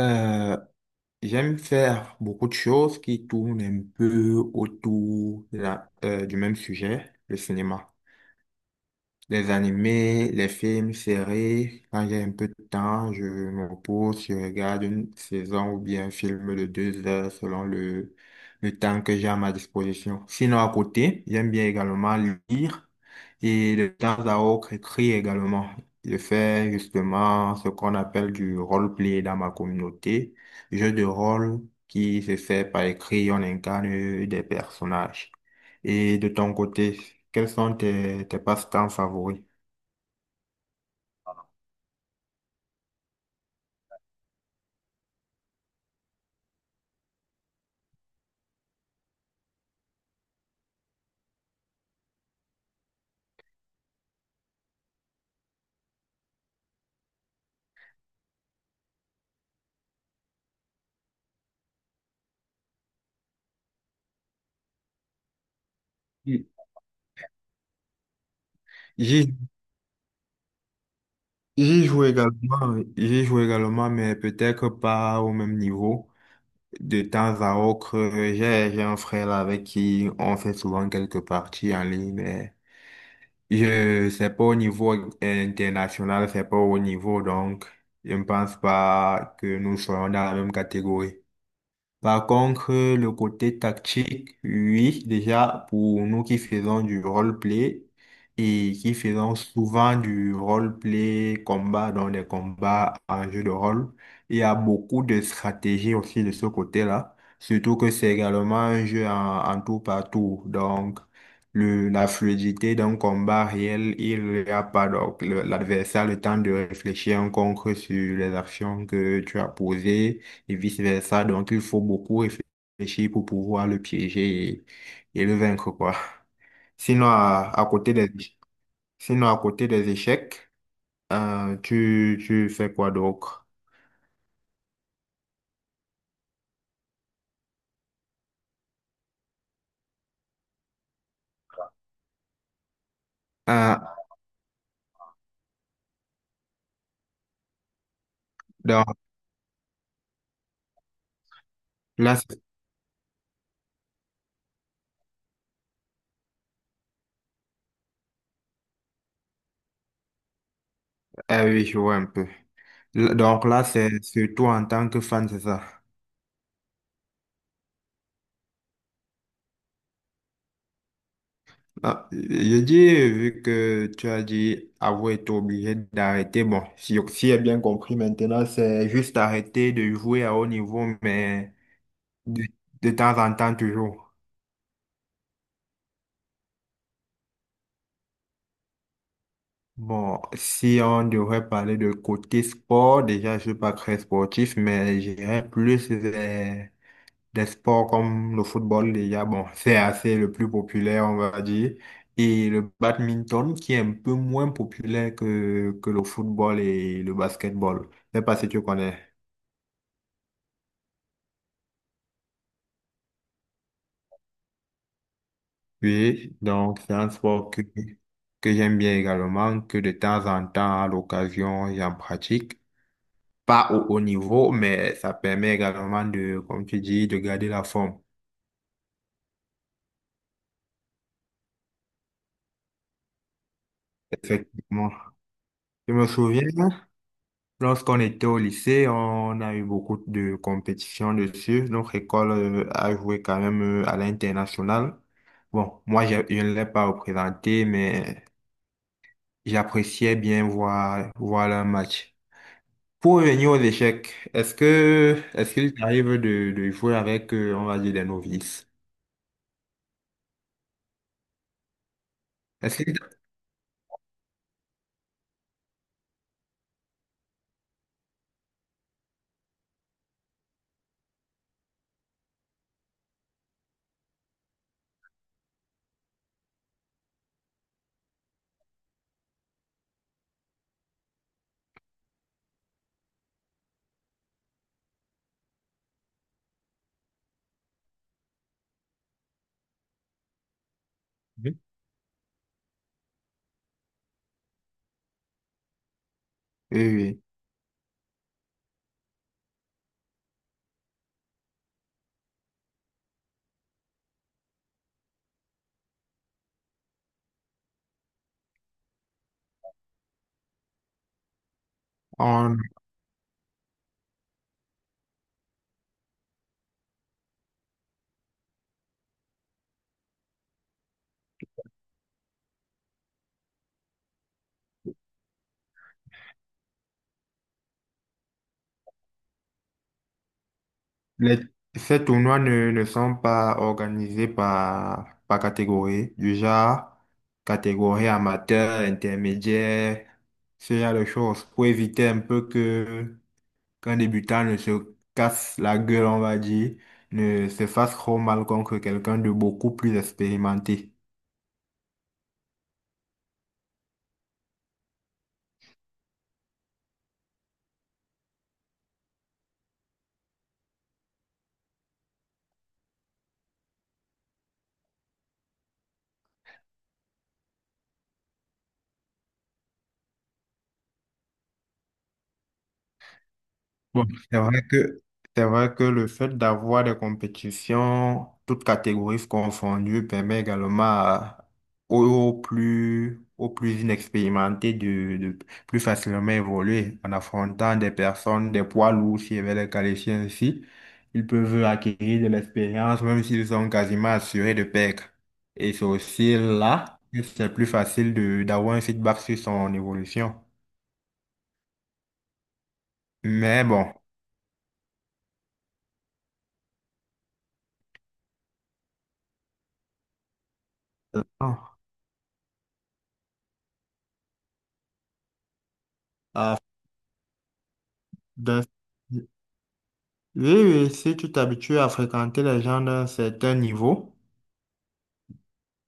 Euh, J'aime faire beaucoup de choses qui tournent un peu autour du même sujet, le cinéma. Les animés, les films, séries, quand j'ai un peu de temps, je me repose, je regarde une saison ou bien un film de deux heures selon le temps que j'ai à ma disposition. Sinon, à côté, j'aime bien également lire et de temps à autre écrire également. Je fais justement ce qu'on appelle du role-play dans ma communauté, jeu de rôle qui se fait par écrit, on incarne des personnages. Et de ton côté, quels sont tes passe-temps favoris? Mm. J'y J'y joue également, mais peut-être pas au même niveau. De temps à autre, j'ai un frère là avec qui on fait souvent quelques parties en ligne, mais c'est pas au niveau international, c'est pas au niveau, donc je ne pense pas que nous soyons dans la même catégorie. Par contre, le côté tactique, oui, déjà pour nous qui faisons du roleplay et qui faisons souvent du roleplay combat dans les combats en jeu de rôle, il y a beaucoup de stratégies aussi de ce côté-là, surtout que c'est également un jeu en tour par tour. Donc, la fluidité d'un combat réel, il n'y a pas donc l'adversaire a le temps de réfléchir en concret sur les actions que tu as posées et vice-versa. Donc, il faut beaucoup réfléchir pour pouvoir le piéger et le vaincre, quoi. Sinon, à, à côté des, sinon, à côté des échecs, tu fais quoi d'autre? Euh, donc, là, c'est- ah oui, je vois un peu. Donc là, c'est surtout en tant que fan, c'est ça. Ah, je dis, vu que tu as dit avoir été obligé d'arrêter, bon, si j'ai bien compris maintenant, c'est juste arrêter de jouer à haut niveau, mais De, de temps en temps, toujours. Bon, si on devrait parler de côté sport, déjà, je suis pas très sportif, mais j'irais plus vers des sports comme le football, déjà. Bon, c'est assez le plus populaire, on va dire. Et le badminton, qui est un peu moins populaire que le football et le basketball. Je sais pas si tu connais. Oui, donc c'est un sport que j'aime bien également, que de temps en temps, à l'occasion, j'en pratique. Pas au haut niveau, mais ça permet également de, comme tu dis, de garder la forme. Effectivement. Je me souviens, lorsqu'on était au lycée, on a eu beaucoup de compétitions dessus. Notre école a joué quand même à l'international. Bon, je ne l'ai pas représenté, mais j'appréciais bien voir le match. Pour revenir aux échecs, est-ce qu'il t'arrive de jouer avec, on va dire, des novices? Est-ce qu'il t'arrive? Oui, oui. Les, Ces tournois ne sont pas organisés par catégorie, du genre catégorie amateur, intermédiaire, ce genre de choses, pour éviter un peu que qu'un débutant ne se casse la gueule, on va dire, ne se fasse trop mal contre quelqu'un de beaucoup plus expérimenté. Bon, c'est vrai que, c'est vrai que le fait d'avoir des compétitions, toutes catégories confondues, permet également aux, aux plus inexpérimentés de plus facilement évoluer en affrontant des personnes, des poids lourds, si je vais les qualifier ainsi. Ils peuvent acquérir de l'expérience, même s'ils sont quasiment assurés de perdre. Et c'est aussi là que c'est plus facile de, d'avoir un feedback sur son évolution. Mais bon. Ah, ah, d'un- oui, oui, si tu t'habitues à fréquenter les gens d'un certain niveau,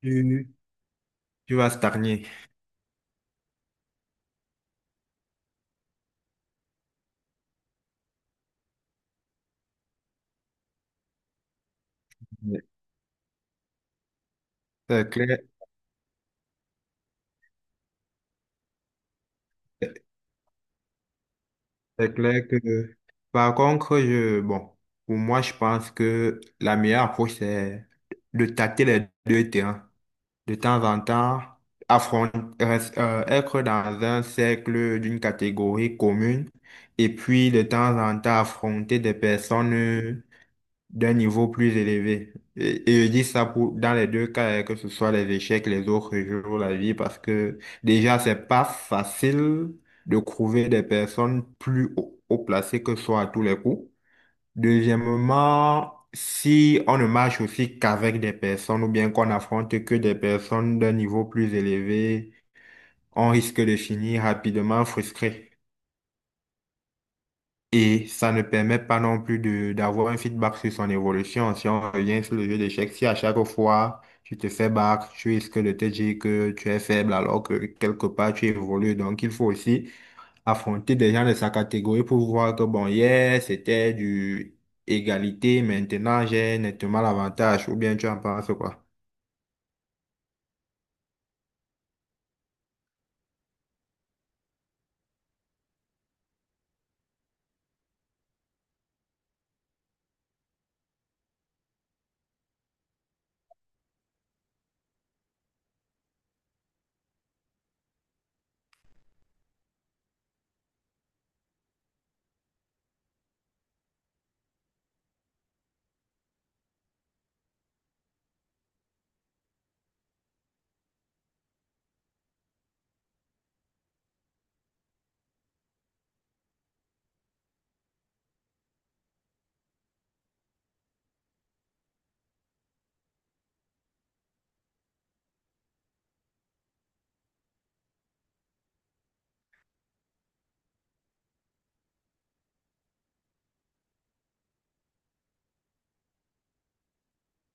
tu, tu vas stagner. Oui. C'est clair, c'est clair que... Par contre, bon, pour moi, je pense que la meilleure approche, c'est de tâter les deux terrains. De temps en temps, affronter, être dans un cercle d'une catégorie commune et puis de temps en temps affronter des personnes d'un niveau plus élevé. Et je dis ça pour, dans les deux cas, que ce soit les échecs, les autres jeux ou la vie, parce que déjà, c'est pas facile de trouver des personnes plus haut placées que soi à tous les coups. Deuxièmement, si on ne marche aussi qu'avec des personnes ou bien qu'on affronte que des personnes d'un niveau plus élevé, on risque de finir rapidement frustré. Et ça ne permet pas non plus de d'avoir un feedback sur son évolution. Si on revient sur le jeu d'échecs, si à chaque fois tu te fais battre, tu risques de te dire que tu es faible alors que quelque part tu évolues. Donc il faut aussi affronter des gens de sa catégorie pour voir que bon, hier c'était du égalité, maintenant j'ai nettement l'avantage. Ou bien tu en penses quoi?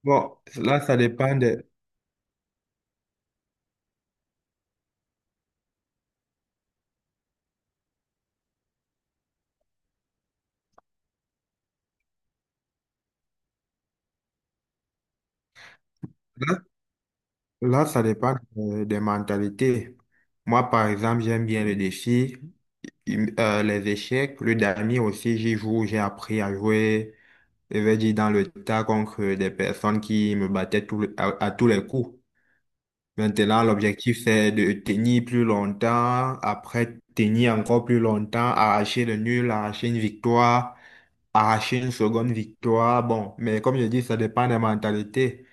Bon, là ça dépend de... Là, là, ça dépend des mentalités. Moi, par exemple, j'aime bien le défi. Les échecs, le damier aussi, j'y joue, j'ai appris à jouer, je vais dire, dans le tas contre des personnes qui me battaient à tous les coups. Maintenant, l'objectif, c'est de tenir plus longtemps, après tenir encore plus longtemps, arracher le nul, arracher une victoire, arracher une seconde victoire. Bon, mais comme je dis, ça dépend des mentalités.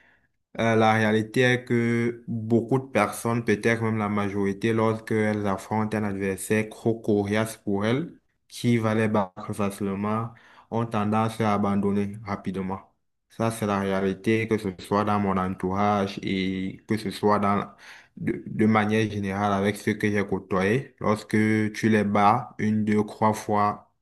La réalité est que beaucoup de personnes, peut-être même la majorité, lorsqu'elles affrontent un adversaire trop coriace pour elles, qui va les battre facilement, ont tendance à abandonner rapidement. Ça, c'est la réalité, que ce soit dans mon entourage et que ce soit de manière générale avec ceux que j'ai côtoyés. Lorsque tu les bats une, deux, trois fois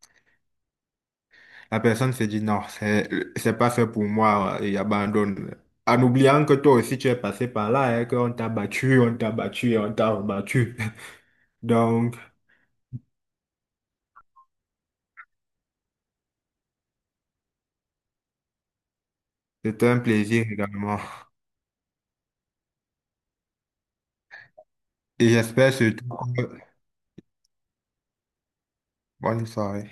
la personne se dit non, c'est pas fait pour moi et abandonne. En oubliant que toi aussi tu es passé par là, hein, qu'on t'a battu, on t'a battu et on t'a rebattu. Donc, c'était un plaisir également. Et j'espère surtout que... Bonne soirée.